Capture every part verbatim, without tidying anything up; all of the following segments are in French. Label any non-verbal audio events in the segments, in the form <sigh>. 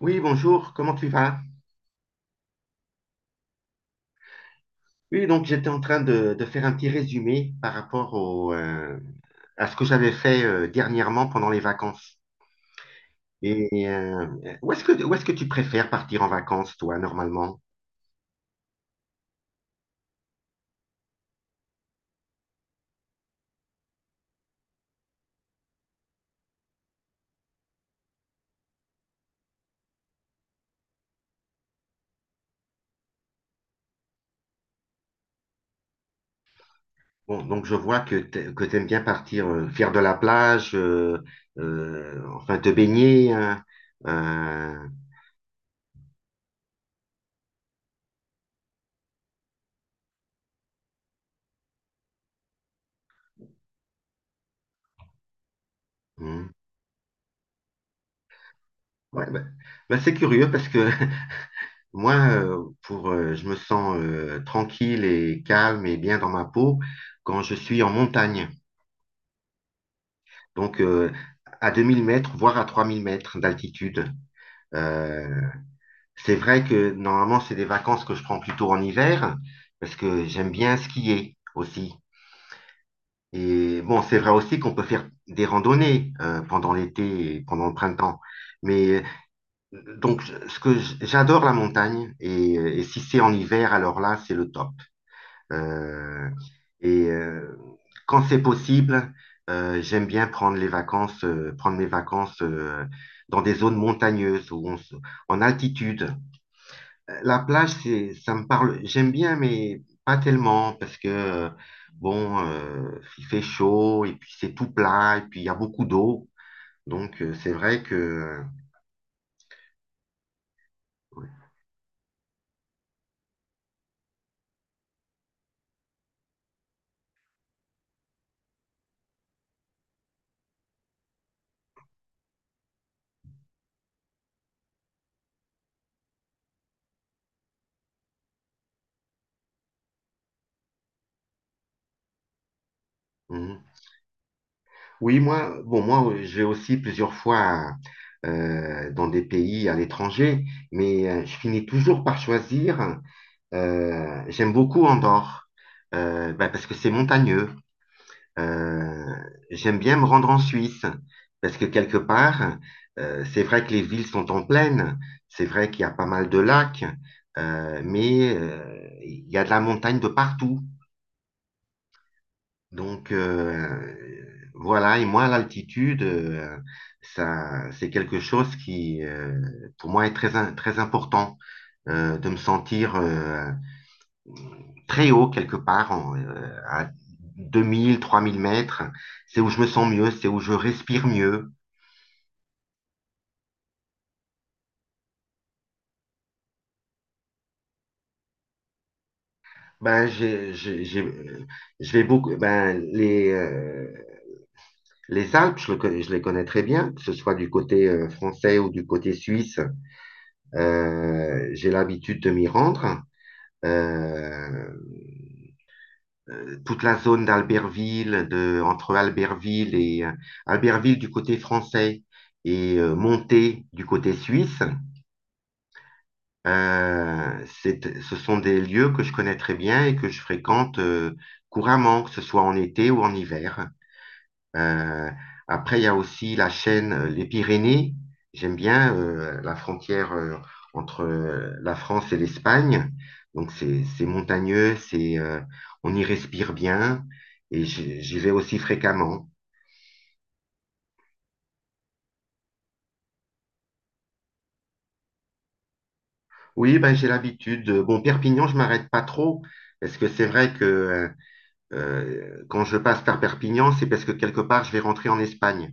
Oui, bonjour, comment tu vas? Oui, donc j'étais en train de, de faire un petit résumé par rapport au, euh, à ce que j'avais fait euh, dernièrement pendant les vacances. Et euh, où est-ce que, où est-ce que tu préfères partir en vacances, toi, normalement? Bon, donc je vois que tu que t'aimes bien partir euh, faire de la plage, euh, euh, enfin te baigner, hein. euh, hmm. Ouais, bah, bah, c'est curieux parce que <laughs> Moi, euh, pour, euh, je me sens euh, tranquille et calme et bien dans ma peau quand je suis en montagne. Donc, euh, à deux mille mètres, voire à trois mille mètres d'altitude. Euh, c'est vrai que normalement, c'est des vacances que je prends plutôt en hiver parce que j'aime bien skier aussi. Et bon, c'est vrai aussi qu'on peut faire des randonnées euh, pendant l'été et pendant le printemps. Mais euh, donc, je- ce que j- J'adore la montagne et, euh, et si c'est en hiver, alors là, c'est le top. Euh, et euh, Quand c'est possible, euh, j'aime bien prendre les vacances, euh, prendre mes vacances euh, dans des zones montagneuses où on se- en altitude. Euh, La plage, c'est, ça me parle. J'aime bien, mais pas tellement parce que euh, bon, euh, il fait chaud et puis c'est tout plat et puis il y a beaucoup d'eau. Donc euh, c'est vrai que euh, oui, moi, bon, moi, euh, je vais aussi plusieurs fois euh, dans des pays à l'étranger, mais euh, je finis toujours par choisir. Euh, j'aime beaucoup Andorre, euh, bah, parce que c'est montagneux. Euh, J'aime bien me rendre en Suisse, parce que quelque part, euh, c'est vrai que les villes sont en plaine, c'est vrai qu'il y a pas mal de lacs, euh, mais euh, il y a de la montagne de partout. Donc euh, voilà, et moi, l'altitude, euh, ça, c'est quelque chose qui, euh, pour moi, est très, in- très important euh, de me sentir euh, très haut quelque part, en, euh, à deux mille, trois mille mètres. C'est où je me sens mieux, c'est où je respire mieux. Ben, j'ai, j'ai, j'ai- euh, je vais beaucoup, ben, les, euh, les Alpes, je, le connais- je les connais très bien, que ce soit du côté euh, français ou du côté suisse. Euh, j'ai l'habitude de m'y rendre. euh, euh, Toute la zone d'Albertville, de, entre Albertville et euh, Albertville du côté français et euh, Monté du côté suisse. Euh, c'est- ce sont des lieux que je connais très bien et que je fréquente euh, couramment, que ce soit en été ou en hiver. Euh, Après, il y a aussi la chaîne euh, Les Pyrénées. J'aime bien euh, la frontière euh, entre euh, la France et l'Espagne. Donc, c'est c'est montagneux, c'est euh, on y respire bien et j'y j'y vais aussi fréquemment. Oui, ben, j'ai l'habitude. de- Bon, Perpignan, je m'arrête pas trop parce que c'est vrai que euh, euh, quand je passe par Perpignan, c'est parce que quelque part, je vais rentrer en Espagne.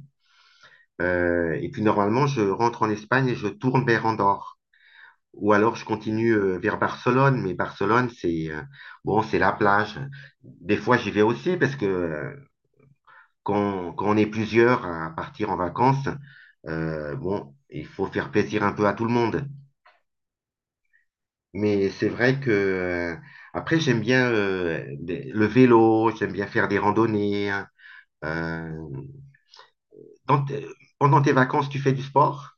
Euh, et puis, normalement, je rentre en Espagne et je tourne vers Andorre. Ou alors je continue euh, vers Barcelone, mais Barcelone, c'est euh, bon, c'est la plage. Des fois, j'y vais aussi parce que euh, quand, quand on est plusieurs à partir en vacances, euh, bon, il faut faire plaisir un peu à tout le monde. Mais c'est vrai que euh, après, j'aime bien euh, des- le vélo, j'aime bien faire des randonnées, hein. Euh, dans tes- Pendant tes vacances, tu fais du sport?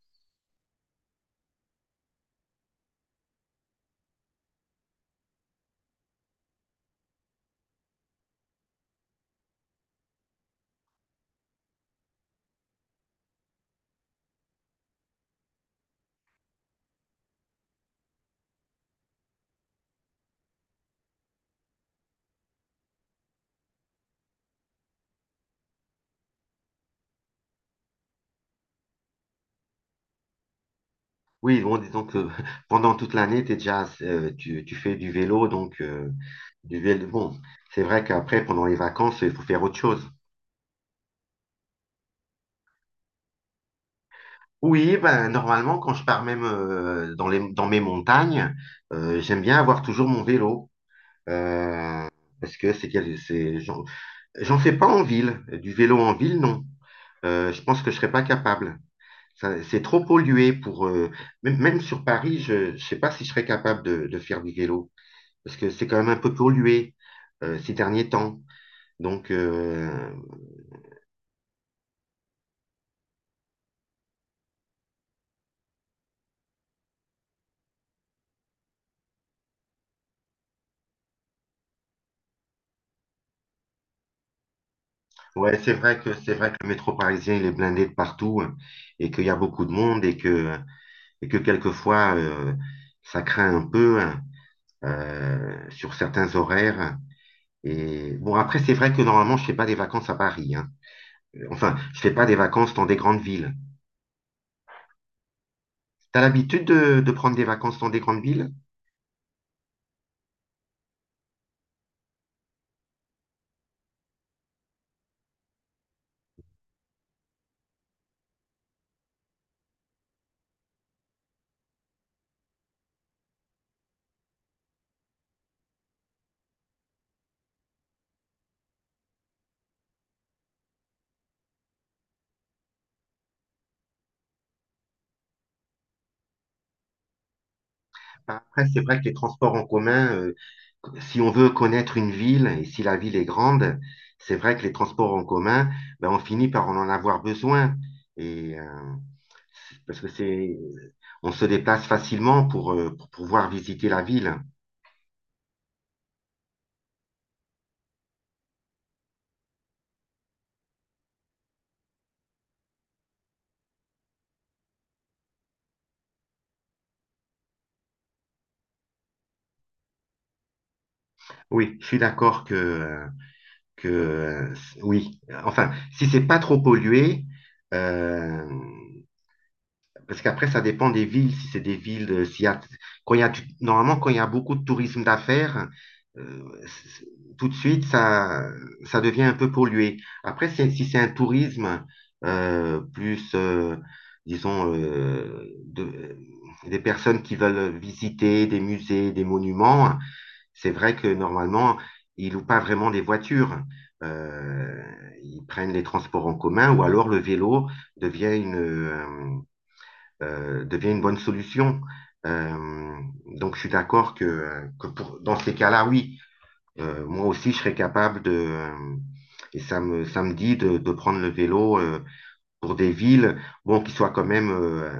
Oui, bon, disons que <laughs> pendant toute l'année, t'es déjà, euh, tu, tu fais du vélo, donc euh, du vélo. Bon, c'est vrai qu'après, pendant les vacances, il faut faire autre chose. Oui, ben, normalement, quand je pars même euh, dans les, dans mes montagnes, euh, j'aime bien avoir toujours mon vélo. Euh, Parce que c'est, quel- c'est, j'en, j'en fais pas en ville. Du vélo en ville, non. Euh, je pense que je serais pas capable. Ça- C'est trop pollué pour. Euh, même, même sur Paris, je ne sais pas si je serais capable de, de faire du vélo. Parce que c'est quand même un peu pollué euh, ces derniers temps. Donc, euh, ouais, c'est vrai que c'est vrai que le métro parisien il est blindé de partout, hein, et qu'il y a beaucoup de monde et que et que quelquefois euh, ça craint un peu, hein, euh, sur certains horaires. Et bon, après c'est vrai que normalement je fais pas des vacances à Paris, hein. Enfin, je fais pas des vacances dans des grandes villes. T'as l'habitude de, de prendre des vacances dans des grandes villes? Bah, après, c'est vrai que les transports en commun, euh, si on veut connaître une ville et si la ville est grande, c'est vrai que les transports en commun, ben, on finit par en avoir besoin. Et euh, Parce que c'est, on se déplace facilement pour, euh, pour pouvoir visiter la ville. Oui, je suis d'accord que, euh, que euh, oui, enfin, si c'est pas trop pollué. euh, Parce qu'après, ça dépend des villes. Si c'est des villes, de- s'il y a, quand il y a du- normalement, quand il y a beaucoup de tourisme d'affaires, euh, c- tout de suite, ça, ça devient un peu pollué. Après, c'est- si c'est un tourisme euh, plus, euh, disons, euh, de- euh, des personnes qui veulent visiter des musées, des monuments, c'est vrai que normalement, ils louent pas vraiment des voitures. Euh, Ils prennent les transports en commun ou alors le vélo devient une, euh, euh, devient une bonne solution. Euh, donc, je suis d'accord que, que pour, dans ces cas-là, oui, euh, moi aussi, je serais capable de, euh, et ça me, ça me dit de, de prendre le vélo euh, pour des villes, bon, qui soient quand même euh,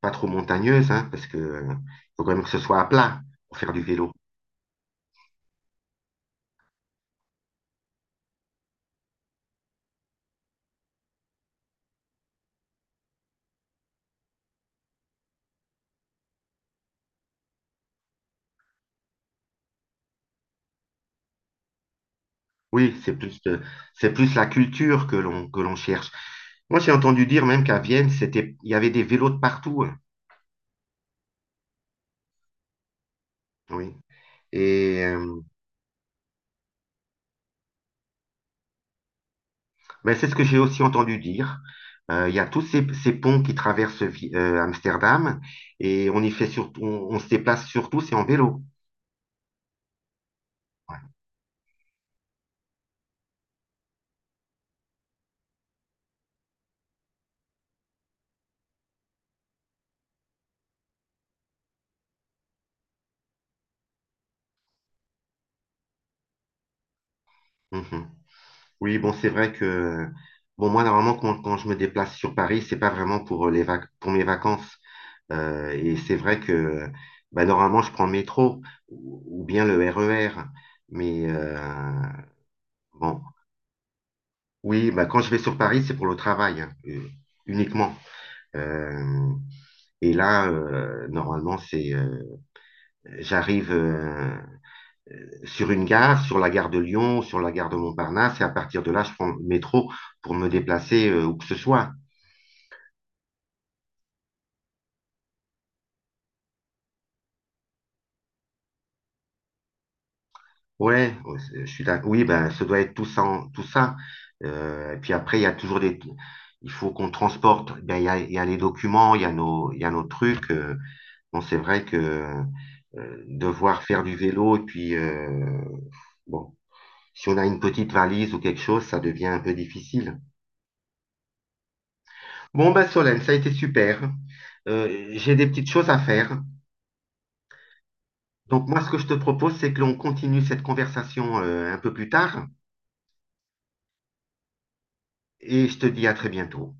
pas trop montagneuses, hein, parce que euh, faut quand même que ce soit à plat pour faire du vélo. Oui, c'est plus, euh, c'est plus la culture que l'on, que l'on cherche. Moi, j'ai entendu dire même qu'à Vienne, c'était, il y avait des vélos de partout, hein. Oui. Et, euh, Mais c'est ce que j'ai aussi entendu dire. Euh, Il y a tous ces, ces ponts qui traversent Vi- euh, Amsterdam et on y fait surtout, on, on se déplace surtout, c'est en vélo. Mhm. Oui, bon, c'est vrai que, bon, moi, normalement, quand, quand je me déplace sur Paris, c'est pas vraiment pour euh, les vac- pour mes vacances. Euh, et c'est vrai que, bah, normalement, je prends le métro ou, ou bien le R E R. Mais, euh, bon, oui, bah, quand je vais sur Paris, c'est pour le travail, hein, euh, uniquement. Euh, Et là, euh, normalement, c'est euh, j'arrive euh, sur une gare, sur la gare de Lyon, sur la gare de Montparnasse, et à partir de là, je prends le métro pour me déplacer euh, où que ce soit. Ouais, ouais, je suis d'ac- oui, ben, ça doit être tout ça. en- Tout ça. Euh, et puis après, il y a toujours des. Il faut qu'on transporte. Ben, il y a, il y a les documents, il y a nos, il y a nos trucs. euh. Bon, c'est vrai que euh, devoir faire du vélo, et puis, euh, bon, si on a une petite valise ou quelque chose, ça devient un peu difficile. Bon, ben Solène, ça a été super. Euh, j'ai des petites choses à faire. Donc moi, ce que je te propose, c'est que l'on continue cette conversation euh, un peu plus tard et je te dis à très bientôt.